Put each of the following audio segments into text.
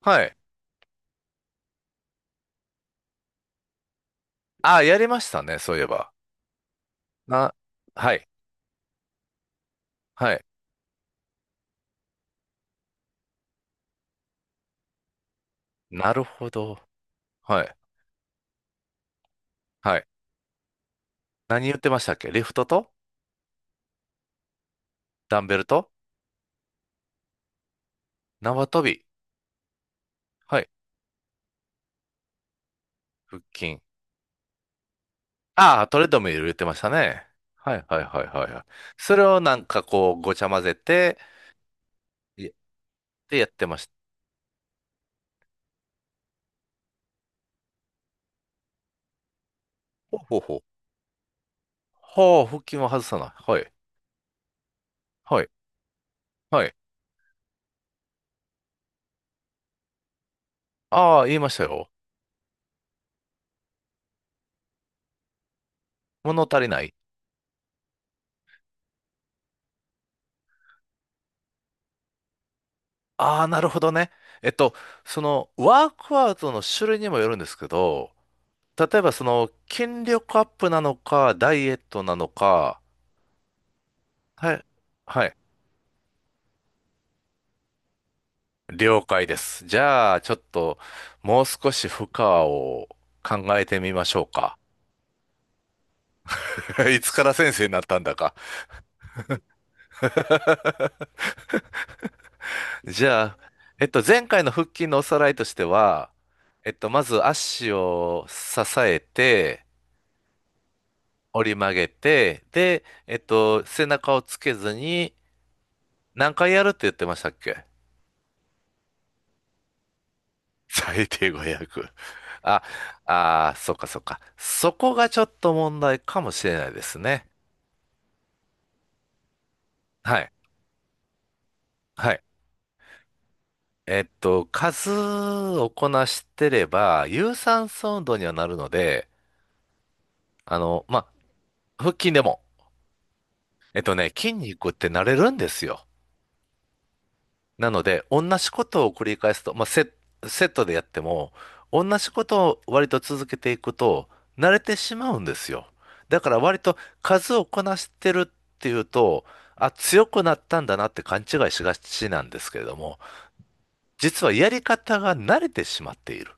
はい。あ、やりましたね、そういえば。な、はい。はい。なるほど。はい。はい。何言ってましたっけ、リフトとダンベルと縄跳び。はい。腹筋。ああ、トレッドミル言ってましたね。はいはいはいはいはい。それをなんかこう、ごちゃ混ぜて、い、でやってました。ほうほうほう。ほう、腹筋は外さない。はい。はい。はい。ああ、言いましたよ。物足りない。ああ、なるほどね。えっと、その、ワークアウトの種類にもよるんですけど、例えばその筋力アップなのか、ダイエットなのか、はい、はい、了解です。じゃあ、ちょっともう少し負荷を考えてみましょうか。いつから先生になったんだか。じゃあ、前回の腹筋のおさらいとしては、まず足を支えて、折り曲げて、で、背中をつけずに何回やるって言ってましたっけ？ 最低5 0、あああ、そっかそっか。そこがちょっと問題かもしれないですね。はい。はい。数をこなしてれば、有酸素運動にはなるので、あの、ま腹筋でも、えっとね、筋肉って慣れるんですよ。なので、同じことを繰り返すと、セットでやっても、同じことを割と続けていくと、慣れてしまうんですよ。だから割と数をこなしてるっていうと、あ、強くなったんだなって勘違いしがちなんですけれども、実はやり方が慣れてしまっている。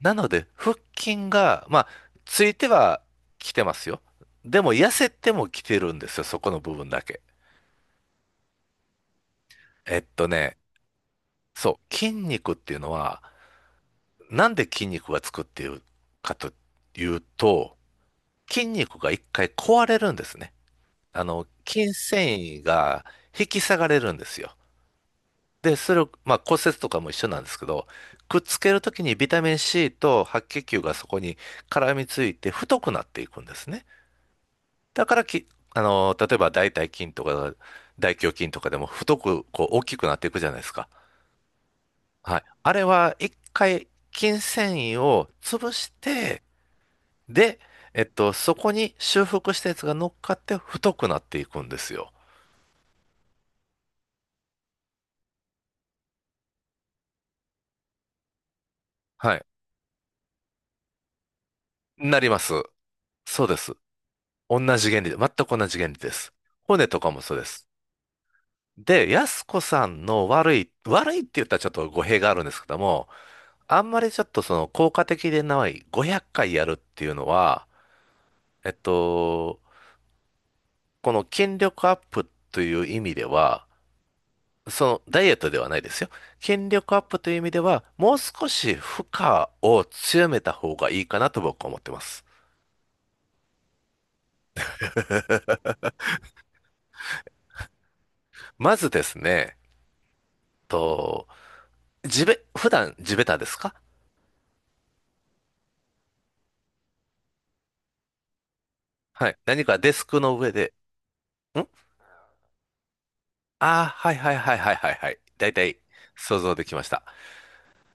なので、腹筋が、まあ、ついてはきてますよ。でも、痩せてもきてるんですよ、そこの部分だけ。えっとね、そう、筋肉っていうのは、なんで筋肉がつくっていうかというと、筋肉が一回壊れるんですね。あの、筋繊維が引き下がれるんですよ。で、それを、まあ骨折とかも一緒なんですけど、くっつけるときにビタミン C と白血球がそこに絡みついて太くなっていくんですね。だからき、あの、例えば大腿筋とか大胸筋とかでも太くこう大きくなっていくじゃないですか。はい。あれは一回筋繊維を潰して、で、そこに修復したやつが乗っかって太くなっていくんですよ。はい。なります。そうです。同じ原理で、全く同じ原理です。骨とかもそうです。で、安子さんの悪いって言ったらちょっと語弊があるんですけども、あんまりちょっとその効果的でない500回やるっていうのは、えっと、この筋力アップという意味では、そのダイエットではないですよ。筋力アップという意味では、もう少し負荷を強めた方がいいかなと僕は思ってます。まずですね、と、地べ、普段地べたですか？はい。何かデスクの上で、ん、ああー、はいはいはいはいはいはい。だいたい想像できました。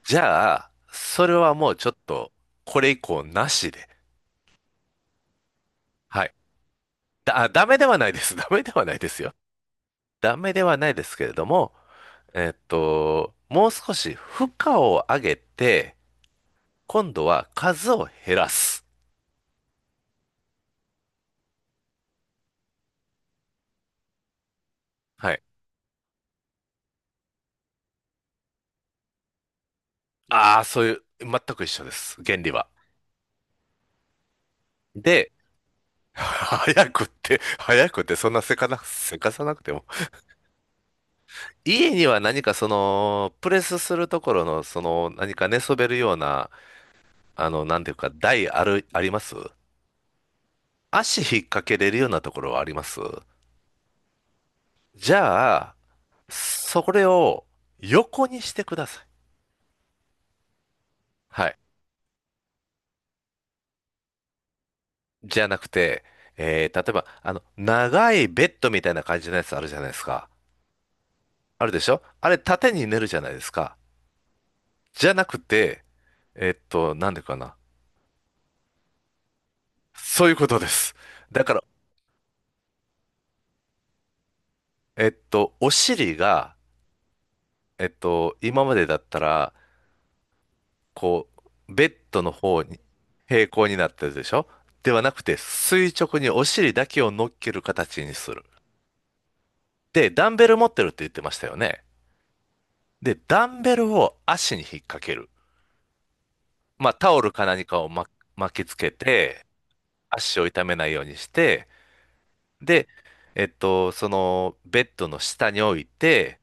じゃあ、それはもうちょっと、これ以降なしで。はい。ダメではないです。ダメではないですよ。ダメではないですけれども、もう少し負荷を上げて、今度は数を減らす。はい。ああ、そういう、全く一緒です、原理は。で、早くって、早くって、そんなせかな、せかさなくても。家には何かその、プレスするところの、その、何か寝そべるような、あの、なんていうか、台ある、あります？足引っ掛けれるようなところはあります？じゃあ、それを横にしてください。はい。じゃなくて、えー、例えば、あの、長いベッドみたいな感じのやつあるじゃないですか。あるでしょあれ、縦に寝るじゃないですか。じゃなくて、えっと、なんでかな。そういうことです。だから、お尻が、今までだったら、こう、ベッドの方に平行になってるでしょ？ではなくて、垂直にお尻だけを乗っける形にする。で、ダンベル持ってるって言ってましたよね。で、ダンベルを足に引っ掛ける。まあ、タオルか何かを巻きつけて、足を痛めないようにして、で、そのベッドの下に置いて、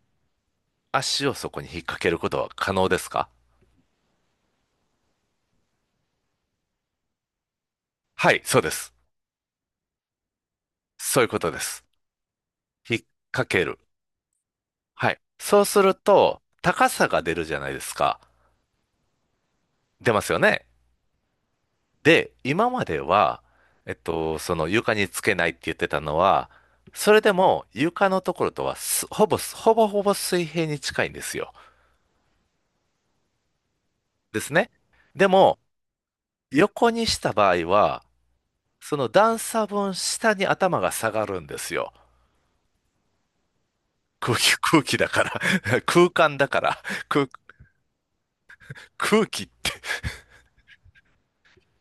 足をそこに引っ掛けることは可能ですか？はい、そうです。そういうことです。引っ掛ける。はい。そうすると、高さが出るじゃないですか。出ますよね。で、今までは、その床につけないって言ってたのは、それでも床のところとはほぼ、ほぼほぼ水平に近いんですよ。ですね。でも、横にした場合は、その段差分下に頭が下がるんですよ。空気だから 空間だから、空、空気、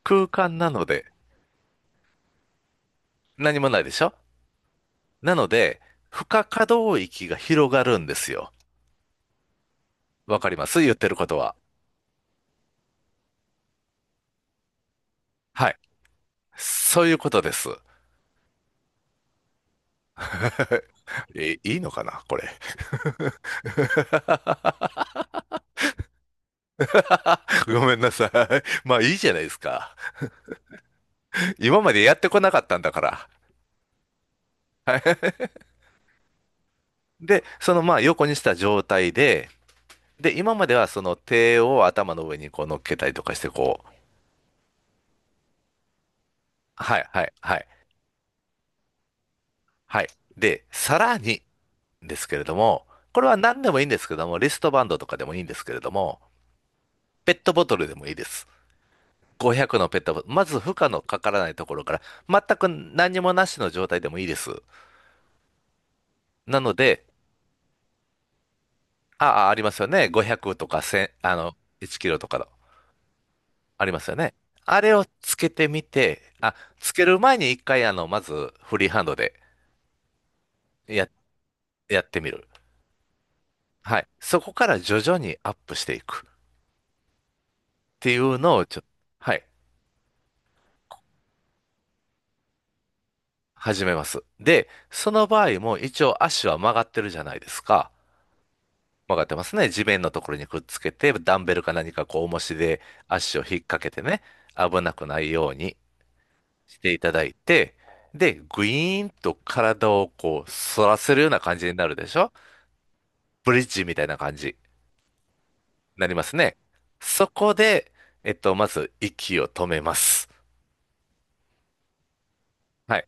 空間なので、何もないでしょ？なので、負荷可動域が広がるんですよ。わかります、言ってることは。はい。そういうことです。え、いいのかなこれ。ごめんなさい。まあいいじゃないですか。今までやってこなかったんだから。はい。で、そのまあ横にした状態で、で、今まではその手を頭の上にこう乗っけたりとかして、こう、はい、はい、はい、はい。で、さらにですけれども、これは何でもいいんですけども、リストバンドとかでもいいんですけれども、ペットボトルでもいいです。500のペットボトル、まず負荷のかからないところから、全く何にもなしの状態でもいいです。なので、ああ、ありますよね。500とか1、あの、1キロとかの、ありますよね。あれをつけてみて、あ、つける前に一回、あの、まずフリーハンドで、やっやってみる。はい。そこから徐々にアップしていくっていうのをちょ、はい、始めます。で、その場合も一応足は曲がってるじゃないですか。曲がってますね。地面のところにくっつけて、ダンベルか何かこう重しで足を引っ掛けてね、危なくないようにしていただいて、で、グイーンと体をこう反らせるような感じになるでしょ？ブリッジみたいな感じになりますね。そこで、まず息を止めます。はい。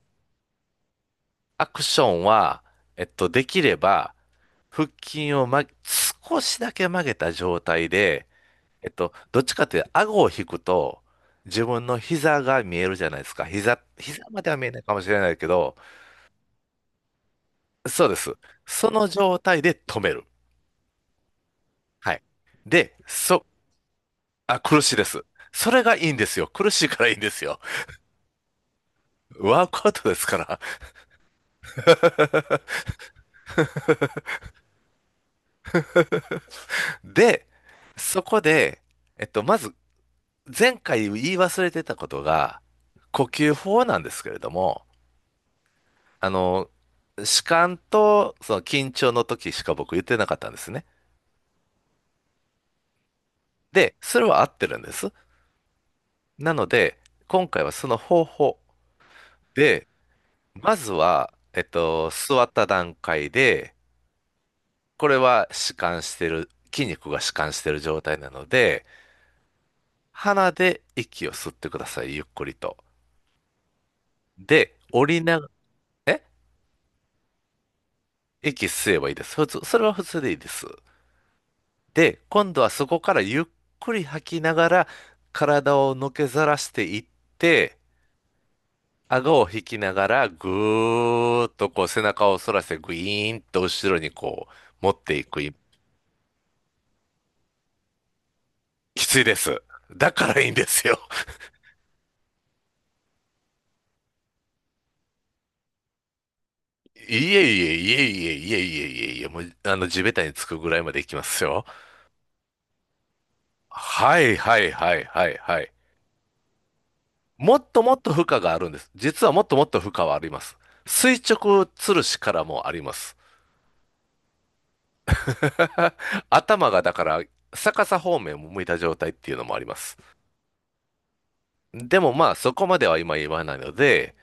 アクションは、えっと、できれば、腹筋を、ま、少しだけ曲げた状態で、えっと、どっちかというと、顎を引くと、自分の膝が見えるじゃないですか。膝までは見えないかもしれないけど、そうです。その状態で止める。はい。で、あ、苦しいです。それがいいんですよ。苦しいからいいんですよ。ワークアウトですから。で、そこで、まず前回言い忘れてたことが、呼吸法なんですけれども、あの、弛緩とその緊張の時しか僕言ってなかったんですね。で、それは合ってるんです。なので、今回はその方法で、まずは、座った段階で、これは弛緩してる、筋肉が弛緩してる状態なので、鼻で息を吸ってください、ゆっくりと。で、降りながら、え息吸えばいいです。普通、それは普通でいいです。で、今度はそこからゆっくり吐きながら、体をのけざらしていって、顎を引きながら、ぐーっとこう背中を反らせて、グイーンと後ろにこう持っていく。きついです。だからいいんですよ。いえいえいえいえいえいえいえいえ、もう、地べたにつくぐらいまでいきますよ。はいはいはいはいはい。もっともっと負荷があるんです。実はもっともっと負荷はあります。垂直吊るしからもあります。頭がだから逆さ方面を向いた状態っていうのもあります。でもまあそこまでは今言わないので、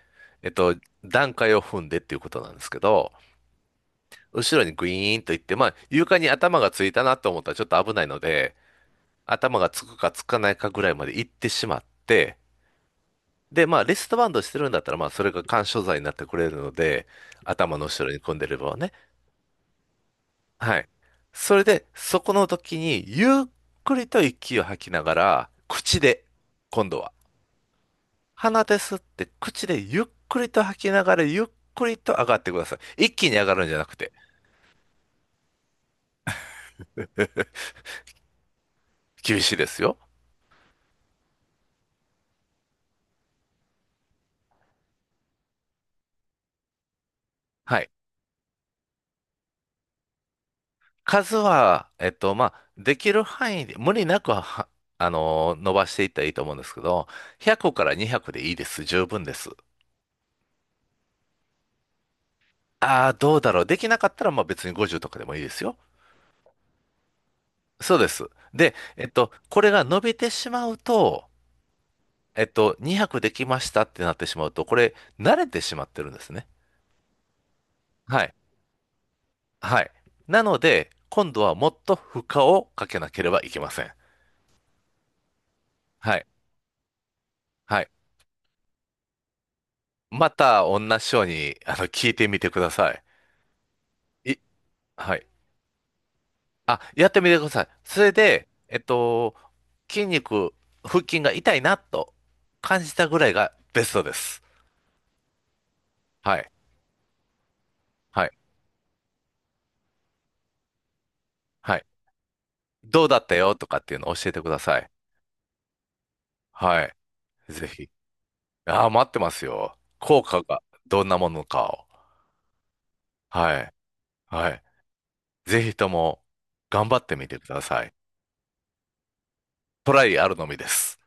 えっと、段階を踏んでっていうことなんですけど、後ろにグイーンと行って、まあ床に頭がついたなと思ったらちょっと危ないので、頭がつくかつかないかぐらいまで行ってしまって、で、まあリストバンドしてるんだったらまあそれが緩衝材になってくれるので、頭の後ろに組んでればね。はい。それで、そこの時に、ゆっくりと息を吐きながら、口で、今度は、鼻で吸って、口でゆっくりと吐きながら、ゆっくりと上がってください。一気に上がるんじゃなくて、厳しいですよ。はい。数は、まあ、できる範囲で、無理なくは、伸ばしていったらいいと思うんですけど、100から200でいいです。十分です。ああ、どうだろう。できなかったら、まあ別に50とかでもいいですよ。そうです。で、これが伸びてしまうと、200できましたってなってしまうと、これ、慣れてしまってるんですね。はい。はい。なので、今度はもっと負荷をかけなければいけません。はい。はい。また、同じように、聞いてみてください。い、はい。あ、やってみてください。それで、筋肉、腹筋が痛いなと感じたぐらいがベストです。はい。はい。はい。どうだったよとかっていうのを教えてください。はい。ぜひ。ああ、待ってますよ。効果がどんなものかを。はい。はい。ぜひとも頑張ってみてください。トライあるのみです。